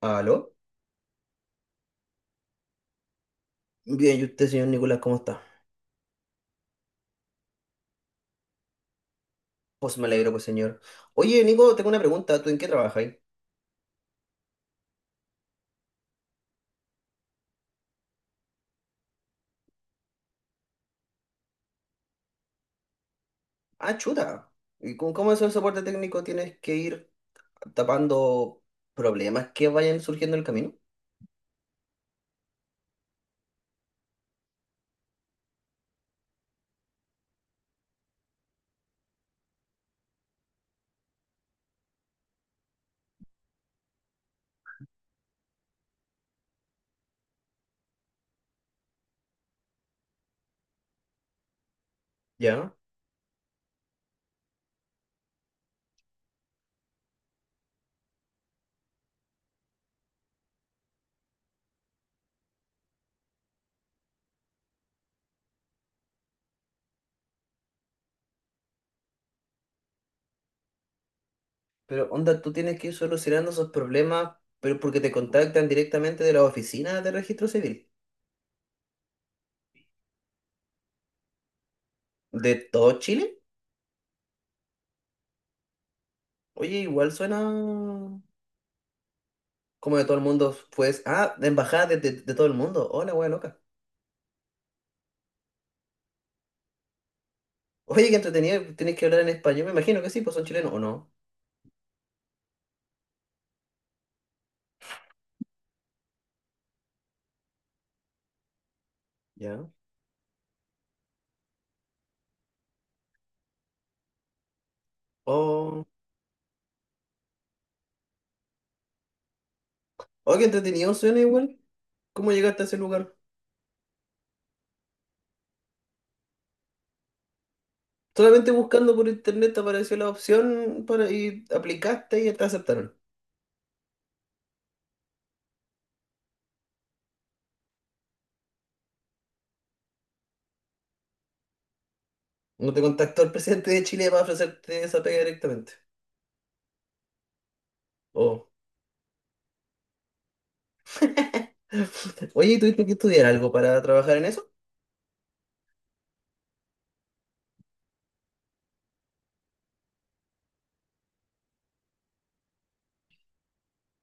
¿Aló? Bien, ¿y usted, señor Nicolás, cómo está? Pues me alegro, pues, señor. Oye, Nico, tengo una pregunta. ¿Tú en qué trabajas ahí? Ah, chuta. ¿Y con cómo es el soporte técnico? ¿Tienes que ir tapando problemas que vayan surgiendo en el camino? Ya. Pero, onda, tú tienes que ir solucionando esos problemas, pero porque te contactan directamente de la oficina de Registro Civil. ¿De todo Chile? Oye, igual suena como de todo el mundo, pues. Ah, de embajada de, de todo el mundo. Hola, wea loca. Oye, qué entretenido, tenés que hablar en español. Me imagino que sí, pues son chilenos, ¿o no? Ya. Oh, oh, qué entretenido suena igual. ¿Cómo llegaste a ese lugar? Solamente buscando por internet te apareció la opción para, y aplicaste y te aceptaron. No te contactó el presidente de Chile para ofrecerte esa pega directamente. Oh. Oye, ¿y tuviste que estudiar algo para trabajar en eso?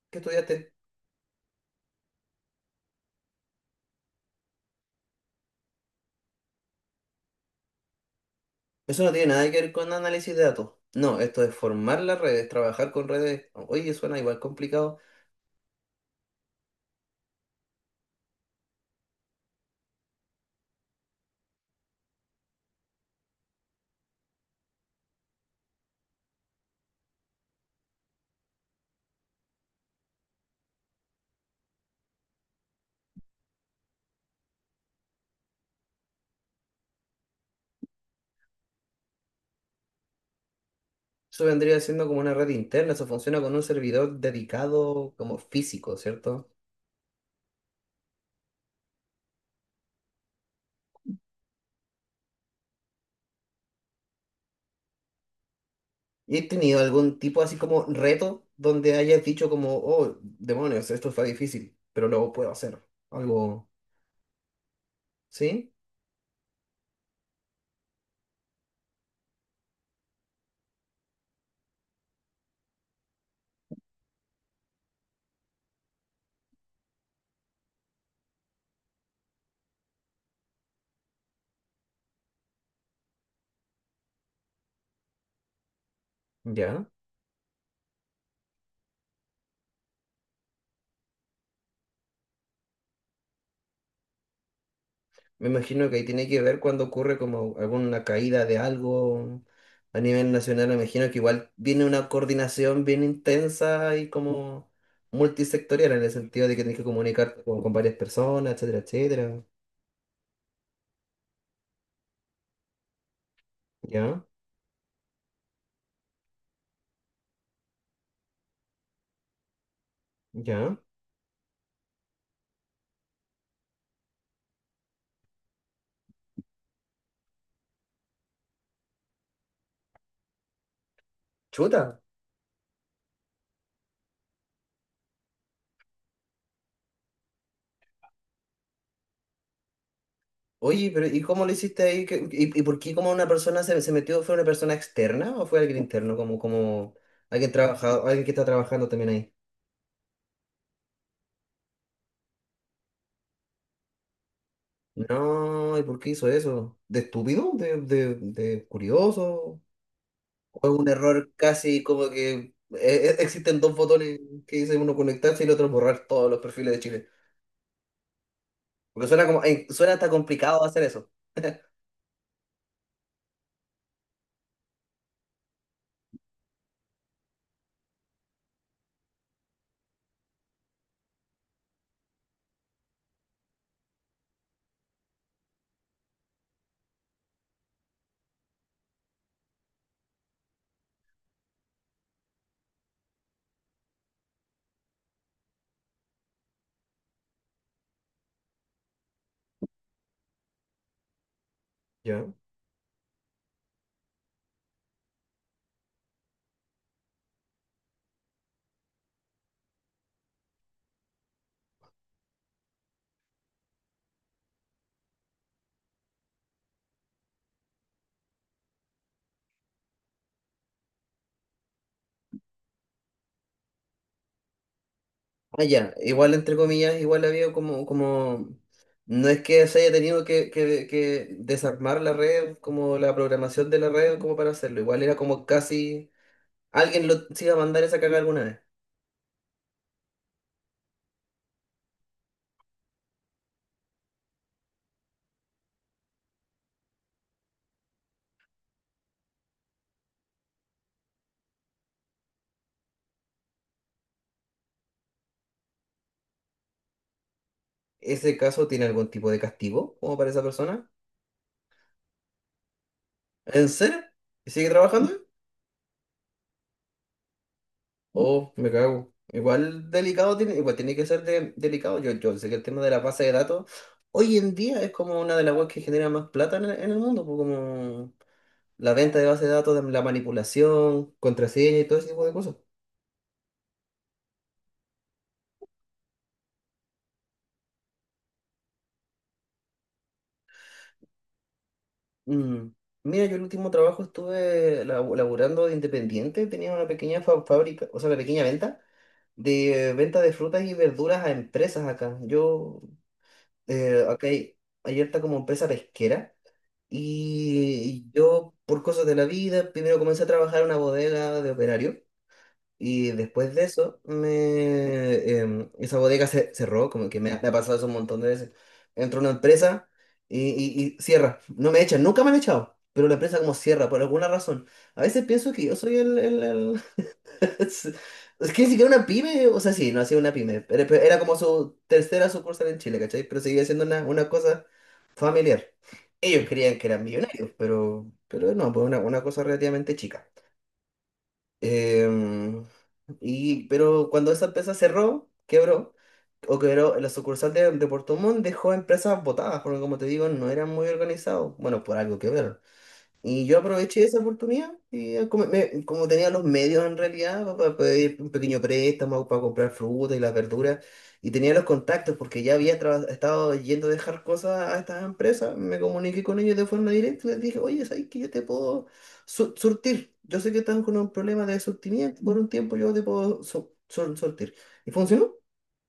¿Qué estudiaste? Eso no tiene nada que ver con análisis de datos. No, esto es formar las redes, trabajar con redes. Oye, suena igual complicado. Eso vendría siendo como una red interna, eso funciona con un servidor dedicado como físico, ¿cierto? ¿Y he tenido algún tipo así como reto donde hayas dicho como, oh, demonios, esto está difícil, pero lo puedo hacer? Algo, ¿sí? Ya. Me imagino que ahí tiene que ver cuando ocurre como alguna caída de algo a nivel nacional. Me imagino que igual viene una coordinación bien intensa y como multisectorial en el sentido de que tienes que comunicarte con varias personas, etcétera, etcétera. Ya, ya. Chuta. Oye, pero ¿y cómo lo hiciste ahí? ¿Y por qué como una persona se metió? ¿Fue una persona externa o fue alguien interno? Como alguien trabajado, alguien que está trabajando también ahí. No, ¿y por qué hizo eso? ¿De estúpido? ¿De curioso? ¿O es un error casi como que existen dos botones que dicen uno conectarse y el otro borrar todos los perfiles de Chile? Porque suena como, suena hasta complicado hacer eso. ¿Ya? Ah, ya, igual entre comillas, igual había como, no es que se haya tenido que desarmar la red, como la programación de la red, como para hacerlo, igual era como casi, alguien lo se iba a mandar esa caga alguna vez. ¿Ese caso tiene algún tipo de castigo como para esa persona? ¿En serio? ¿Y sigue trabajando? Oh, me cago. Igual delicado tiene, igual tiene que ser delicado. Yo sé que el tema de la base de datos hoy en día es como una de las webs que genera más plata en el mundo, pues, como la venta de base de datos, la manipulación, contraseña y todo ese tipo de cosas. Mm. Mira, yo el último trabajo estuve laburando de independiente, tenía una pequeña fábrica, o sea, una pequeña venta de frutas y verduras a empresas acá. Yo, acá hay harta como empresa pesquera. Y yo, por cosas de la vida, primero comencé a trabajar en una bodega de operario y después de eso, esa bodega se cerró, como que me ha pasado eso un montón de veces. Entro a una empresa y cierra. No me echan, nunca me han echado, pero la empresa como cierra por alguna razón. A veces pienso que yo soy el, es es que ni siquiera una pyme, o sea, sí, no hacía una pyme, pero era como su tercera sucursal en Chile, ¿cachai? Pero seguía siendo una cosa familiar. Ellos creían que eran millonarios, pero no, pues una cosa relativamente chica. Em, pero cuando esa empresa cerró, quebró, o quebró la sucursal de Puerto Montt, dejó empresas botadas, porque como te digo, no eran muy organizados. Bueno, por algo quebraron. Y yo aproveché esa oportunidad y como, como tenía los medios en realidad para pedir un pequeño préstamo, para comprar fruta y las verduras, y tenía los contactos porque ya había estado yendo a dejar cosas a estas empresas, me comuniqué con ellos de forma directa y les dije, oye, ¿sabes que yo te puedo surtir. Yo sé que están con un problema de surtimiento, por un tiempo yo te puedo surtir. Y funcionó.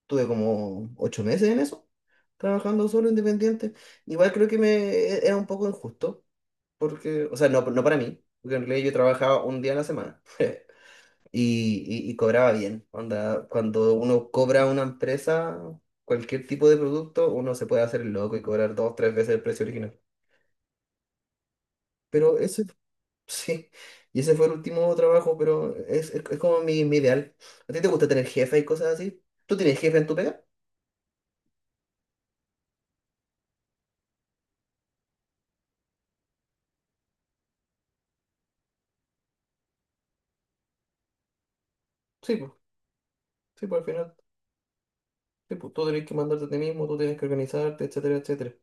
Tuve como 8 meses en eso, trabajando solo, independiente. Igual creo que era un poco injusto porque, o sea, no para mí, porque en realidad yo trabajaba un día a la semana y cobraba bien. Onda, cuando uno cobra a una empresa, cualquier tipo de producto, uno se puede hacer el loco y cobrar dos, tres veces el precio original. Pero ese, sí, y ese fue el último trabajo, pero es como mi ideal. ¿A ti te gusta tener jefe y cosas así? ¿Tú tienes jefe en tu pega? Sí, pues, sí, pues al final, sí, pues, tú tenés que mandarte a ti mismo, tú tienes que organizarte, etcétera, etcétera.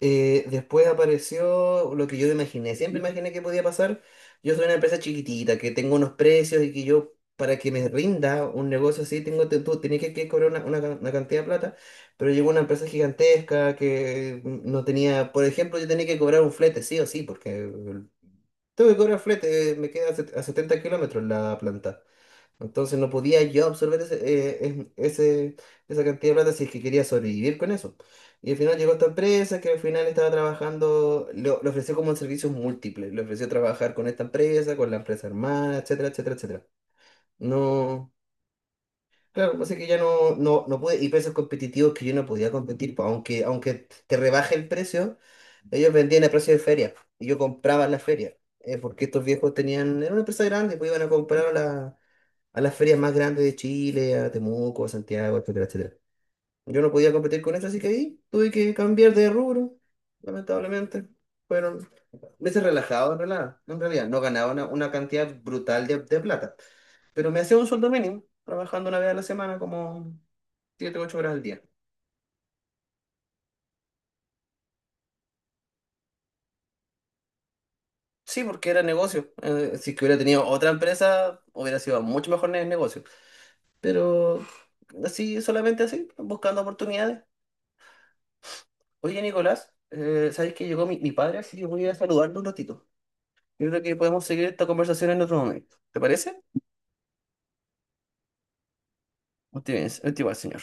Después apareció lo que yo imaginé. Siempre imaginé que podía pasar. Yo soy una empresa chiquitita, que tengo unos precios y que yo, para que me rinda un negocio así, tú tenés que cobrar una cantidad de plata. Pero llegó una empresa gigantesca que no tenía, por ejemplo, yo tenía que cobrar un flete, sí o sí, porque tengo que cobrar flete, me queda a 70 kilómetros la planta. Entonces no podía yo absorber esa cantidad de plata si es que quería sobrevivir con eso. Y al final llegó esta empresa que al final estaba trabajando, le ofreció como servicios múltiples, le ofreció trabajar con esta empresa, con la empresa hermana, etcétera, etcétera, etcétera. No, claro, así que ya no, no, no pude, y precios competitivos que yo no podía competir, pues, aunque te rebaje el precio, ellos vendían a precio de feria, y yo compraba en la feria, porque estos viejos tenían, era una empresa grande, pues iban a comprar a la a las ferias más grandes de Chile, a Temuco, a Santiago, etcétera, etcétera. Yo no podía competir con eso, así que ahí tuve que cambiar de rubro, lamentablemente. Fueron meses relajados, en realidad. En realidad, no ganaba una cantidad brutal de plata, pero me hacía un sueldo mínimo, trabajando una vez a la semana, como 7 o 8 horas al día. Sí, porque era negocio. Si es que hubiera tenido otra empresa, hubiera sido mucho mejor en el negocio. Pero así, solamente así, buscando oportunidades. Oye, Nicolás, ¿sabes que llegó mi padre? Así que voy a saludarlo un ratito. Yo creo que podemos seguir esta conversación en otro momento. ¿Te parece? Muy bien, señor.